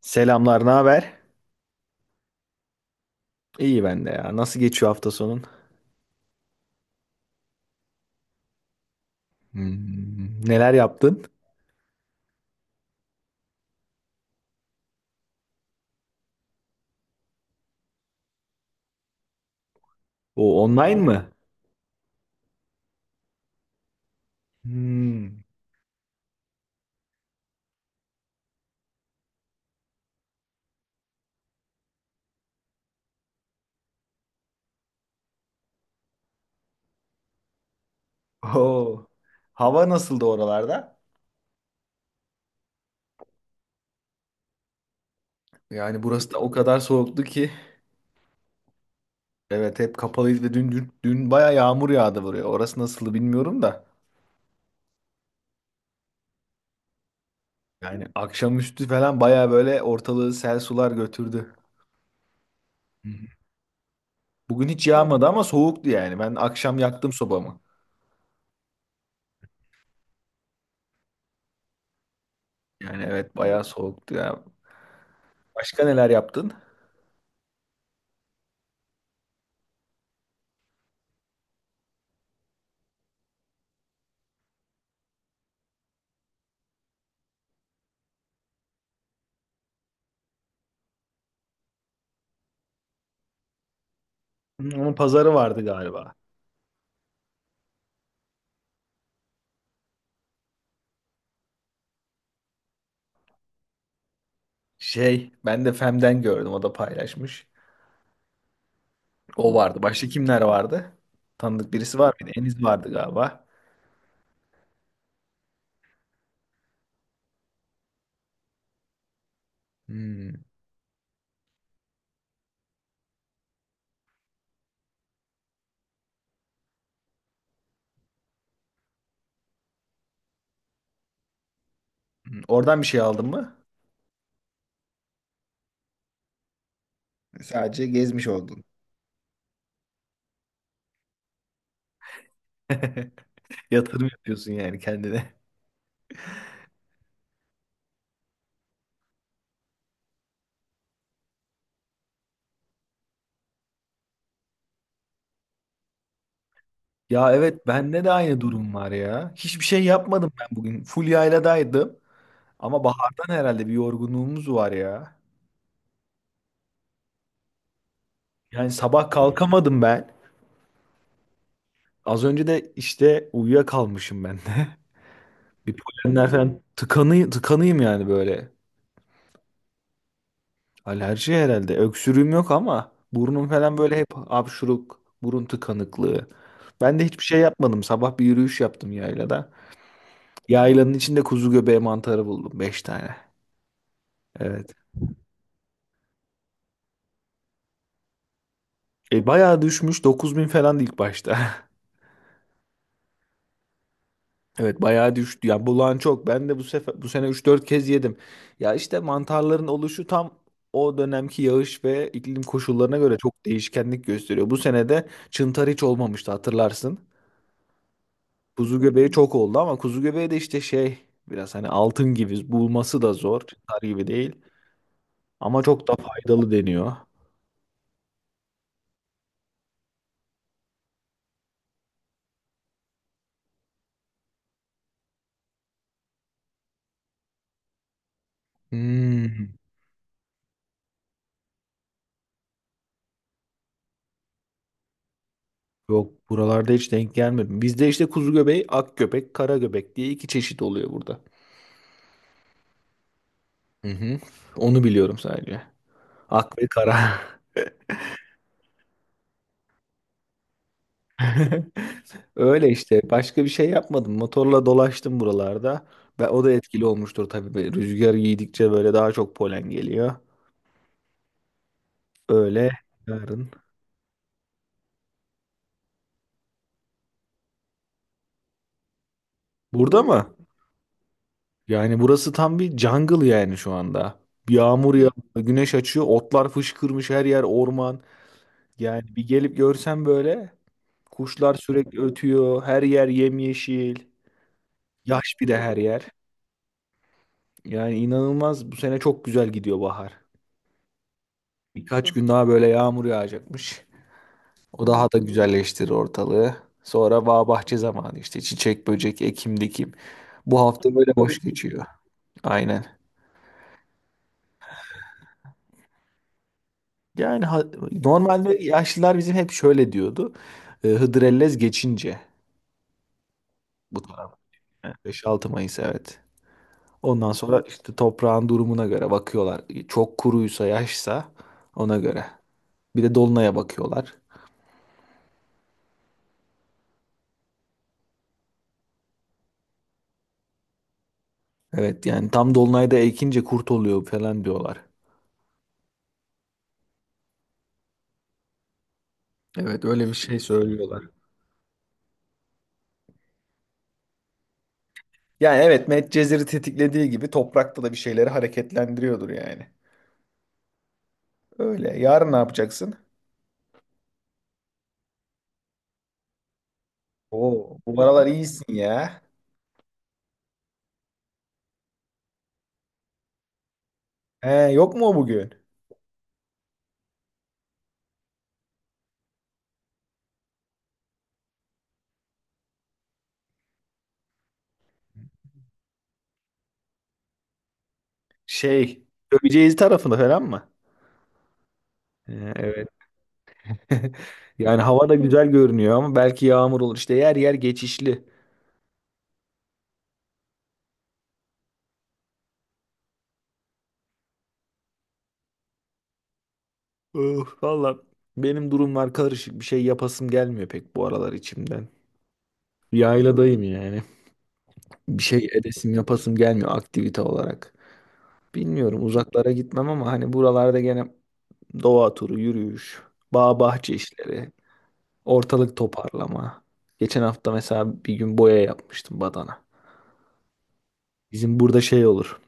Selamlar, ne haber? İyi ben de ya. Nasıl geçiyor hafta sonun? Neler yaptın? O online mı? Hmm. Oo. Hava nasıldı oralarda? Yani burası da o kadar soğuktu ki. Evet hep kapalıydı ve dün baya yağmur yağdı buraya. Orası nasıldı bilmiyorum da. Yani akşamüstü falan baya böyle ortalığı sel sular götürdü. Hmm. Bugün hiç yağmadı ama soğuktu yani. Ben akşam yaktım sobamı. Yani evet bayağı soğuktu ya. Başka neler yaptın? Onun pazarı vardı galiba. Şey, ben de Fem'den gördüm, o da paylaşmış. O vardı. Başka kimler vardı? Tanıdık birisi var mıydı? Enis vardı galiba. Hmm. Oradan bir şey aldın mı? Sadece gezmiş oldun. Yatırım yapıyorsun yani kendine. Ya evet, bende de aynı durum var ya. Hiçbir şey yapmadım ben bugün. Full yayladaydım. Ama bahardan herhalde bir yorgunluğumuz var ya. Yani sabah kalkamadım ben. Az önce de işte uyuyakalmışım ben de. Bir polenler falan tıkanıyım yani böyle. Alerji herhalde. Öksürüğüm yok ama burnum falan böyle hep hapşuruk, burun tıkanıklığı. Ben de hiçbir şey yapmadım. Sabah bir yürüyüş yaptım yaylada. Yaylanın içinde kuzu göbeği mantarı buldum. Beş tane. Evet. E, bayağı düşmüş. 9.000 falan ilk başta. Evet bayağı düştü. Ya bulan çok. Ben de bu sefer bu sene üç dört kez yedim. Ya işte mantarların oluşu tam o dönemki yağış ve iklim koşullarına göre çok değişkenlik gösteriyor. Bu sene de çıntar hiç olmamıştı hatırlarsın. Kuzu göbeği çok oldu ama kuzu göbeği de işte şey, biraz hani altın gibi, bulması da zor. Çıtar gibi değil. Ama çok da faydalı deniyor. Hmm, yok, buralarda hiç denk gelmedim. Bizde işte kuzu göbeği, ak göbek, kara göbek diye iki çeşit oluyor burada. Hı hı. Onu biliyorum sadece. Ak ve kara. Öyle işte. Başka bir şey yapmadım. Motorla dolaştım buralarda. Ve o da etkili olmuştur tabii. Böyle rüzgar giydikçe böyle daha çok polen geliyor. Öyle yarın. Burada mı? Yani burası tam bir jungle yani şu anda. Yağmur yağıyor, güneş açıyor, otlar fışkırmış, her yer orman. Yani bir gelip görsem böyle, kuşlar sürekli ötüyor, her yer yemyeşil, yaş bir de her yer. Yani inanılmaz, bu sene çok güzel gidiyor bahar. Birkaç gün daha böyle yağmur yağacakmış. O daha da güzelleştirir ortalığı. Sonra bağ bahçe zamanı işte, çiçek, böcek, ekim, dikim. Bu hafta böyle boş geçiyor. Aynen. Yani normalde yaşlılar bizim hep şöyle diyordu. E, Hıdrellez geçince bu taraf. Yani 5-6 Mayıs evet. Ondan sonra işte toprağın durumuna göre bakıyorlar. Çok kuruysa yaşsa ona göre. Bir de dolunaya bakıyorlar. Evet yani tam dolunayda ekince kurt oluyor falan diyorlar. Evet öyle bir şey söylüyorlar. Yani evet, Medcezir'i tetiklediği gibi toprakta da bir şeyleri hareketlendiriyordur yani. Öyle. Yarın ne yapacaksın? Oo, bu aralar iyisin ya. He, yok mu o bugün? Şey, Göceci tarafında falan mı? Evet. Yani hava da güzel görünüyor ama belki yağmur olur. İşte yer yer geçişli. Öf, valla benim durumlar karışık. Bir şey yapasım gelmiyor pek bu aralar içimden. Yayladayım yani. Bir şey edesim yapasım gelmiyor aktivite olarak. Bilmiyorum, uzaklara gitmem ama hani buralarda gene doğa turu, yürüyüş, bağ bahçe işleri, ortalık toparlama. Geçen hafta mesela bir gün boya yapmıştım, badana. Bizim burada şey olur.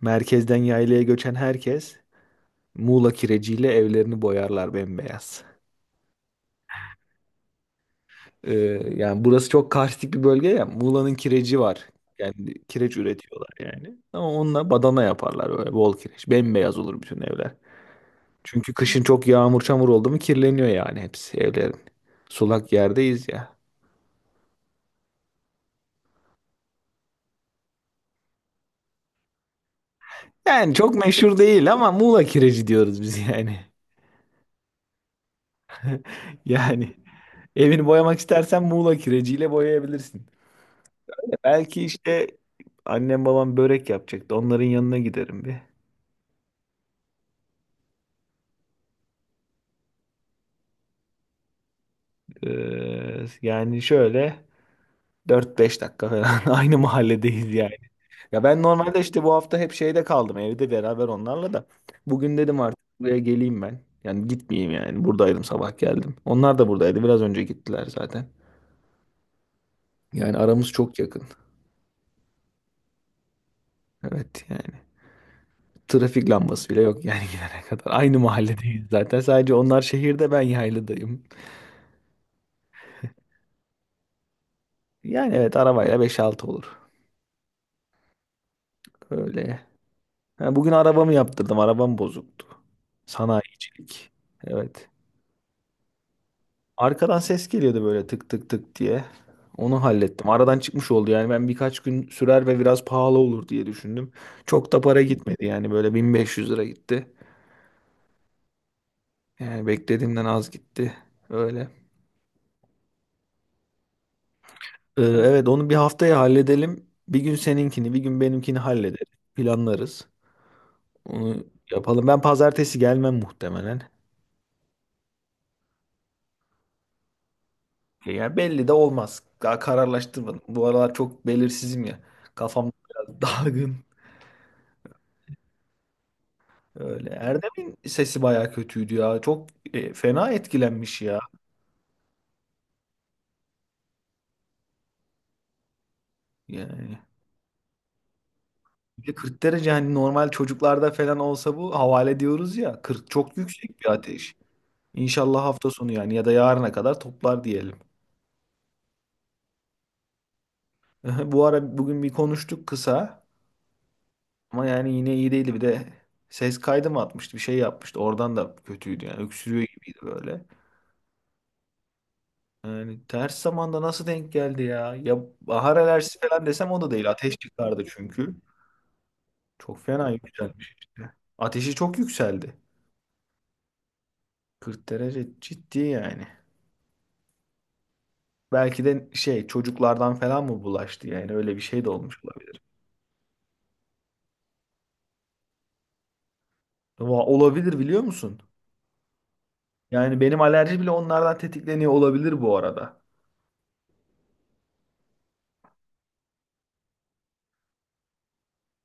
Merkezden yaylaya göçen herkes Muğla kireciyle evlerini boyarlar bembeyaz. Ee, yani burası çok karstik bir bölge ya. Muğla'nın kireci var. Yani kireç üretiyorlar yani. Ama onunla badana yaparlar, böyle bol kireç. Bembeyaz olur bütün evler. Çünkü kışın çok yağmur çamur oldu mu kirleniyor yani hepsi evlerin. Sulak yerdeyiz ya. Yani çok meşhur değil ama Muğla kireci diyoruz biz yani. Yani evini boyamak istersen Muğla kireciyle boyayabilirsin. Belki işte annem babam börek yapacaktı. Onların yanına giderim bir. Yani şöyle dört beş dakika falan, aynı mahalledeyiz yani. Ya ben normalde işte bu hafta hep şeyde kaldım, evde beraber onlarla da. Bugün dedim artık buraya geleyim ben. Yani gitmeyeyim yani. Buradaydım, sabah geldim. Onlar da buradaydı. Biraz önce gittiler zaten. Yani aramız çok yakın. Evet yani. Trafik lambası bile yok yani gidene kadar. Aynı mahalledeyiz zaten. Sadece onlar şehirde, ben yaylıdayım. Yani evet, arabayla beş altı olur. Öyle. Ha, bugün arabamı yaptırdım. Arabam bozuktu. Sanayicilik. Evet. Arkadan ses geliyordu böyle, tık tık tık diye. Onu hallettim. Aradan çıkmış oldu yani. Ben birkaç gün sürer ve biraz pahalı olur diye düşündüm. Çok da para gitmedi yani. Böyle 1.500 lira gitti. Yani beklediğimden az gitti. Öyle. Evet, onu bir haftaya halledelim. Bir gün seninkini, bir gün benimkini hallederiz. Planlarız. Onu yapalım. Ben pazartesi gelmem muhtemelen. Ya yani belli de olmaz. Daha kararlaştırmadım. Bu aralar çok belirsizim ya. Kafam biraz dalgın. Öyle. Erdem'in sesi bayağı kötüydü ya. Çok fena etkilenmiş ya. Yani bir de 40 derece, hani normal çocuklarda falan olsa bu havale diyoruz ya. 40 çok yüksek bir ateş. İnşallah hafta sonu yani ya da yarına kadar toplar diyelim. Bu ara bugün bir konuştuk kısa ama yani yine iyi değildi. Bir de ses kaydı mı atmıştı, bir şey yapmıştı. Oradan da kötüydü yani, öksürüyor gibiydi böyle. Yani ters zamanda nasıl denk geldi ya? Ya bahar alerjisi falan desem o da değil. Ateş çıkardı çünkü. Çok fena yükselmiş işte. Ateşi çok yükseldi. 40 derece ciddi yani. Belki de şey, çocuklardan falan mı bulaştı, yani öyle bir şey de olmuş olabilir. Olabilir biliyor musun? Yani benim alerji bile onlardan tetikleniyor olabilir bu arada.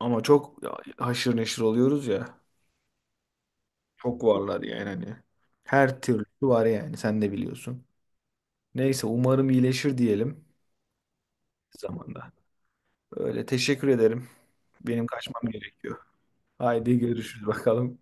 Ama çok haşır neşir oluyoruz ya. Çok varlar yani hani. Her türlü var yani, sen de biliyorsun. Neyse umarım iyileşir diyelim. Zamanda. Öyle, teşekkür ederim. Benim kaçmam gerekiyor. Haydi görüşürüz bakalım.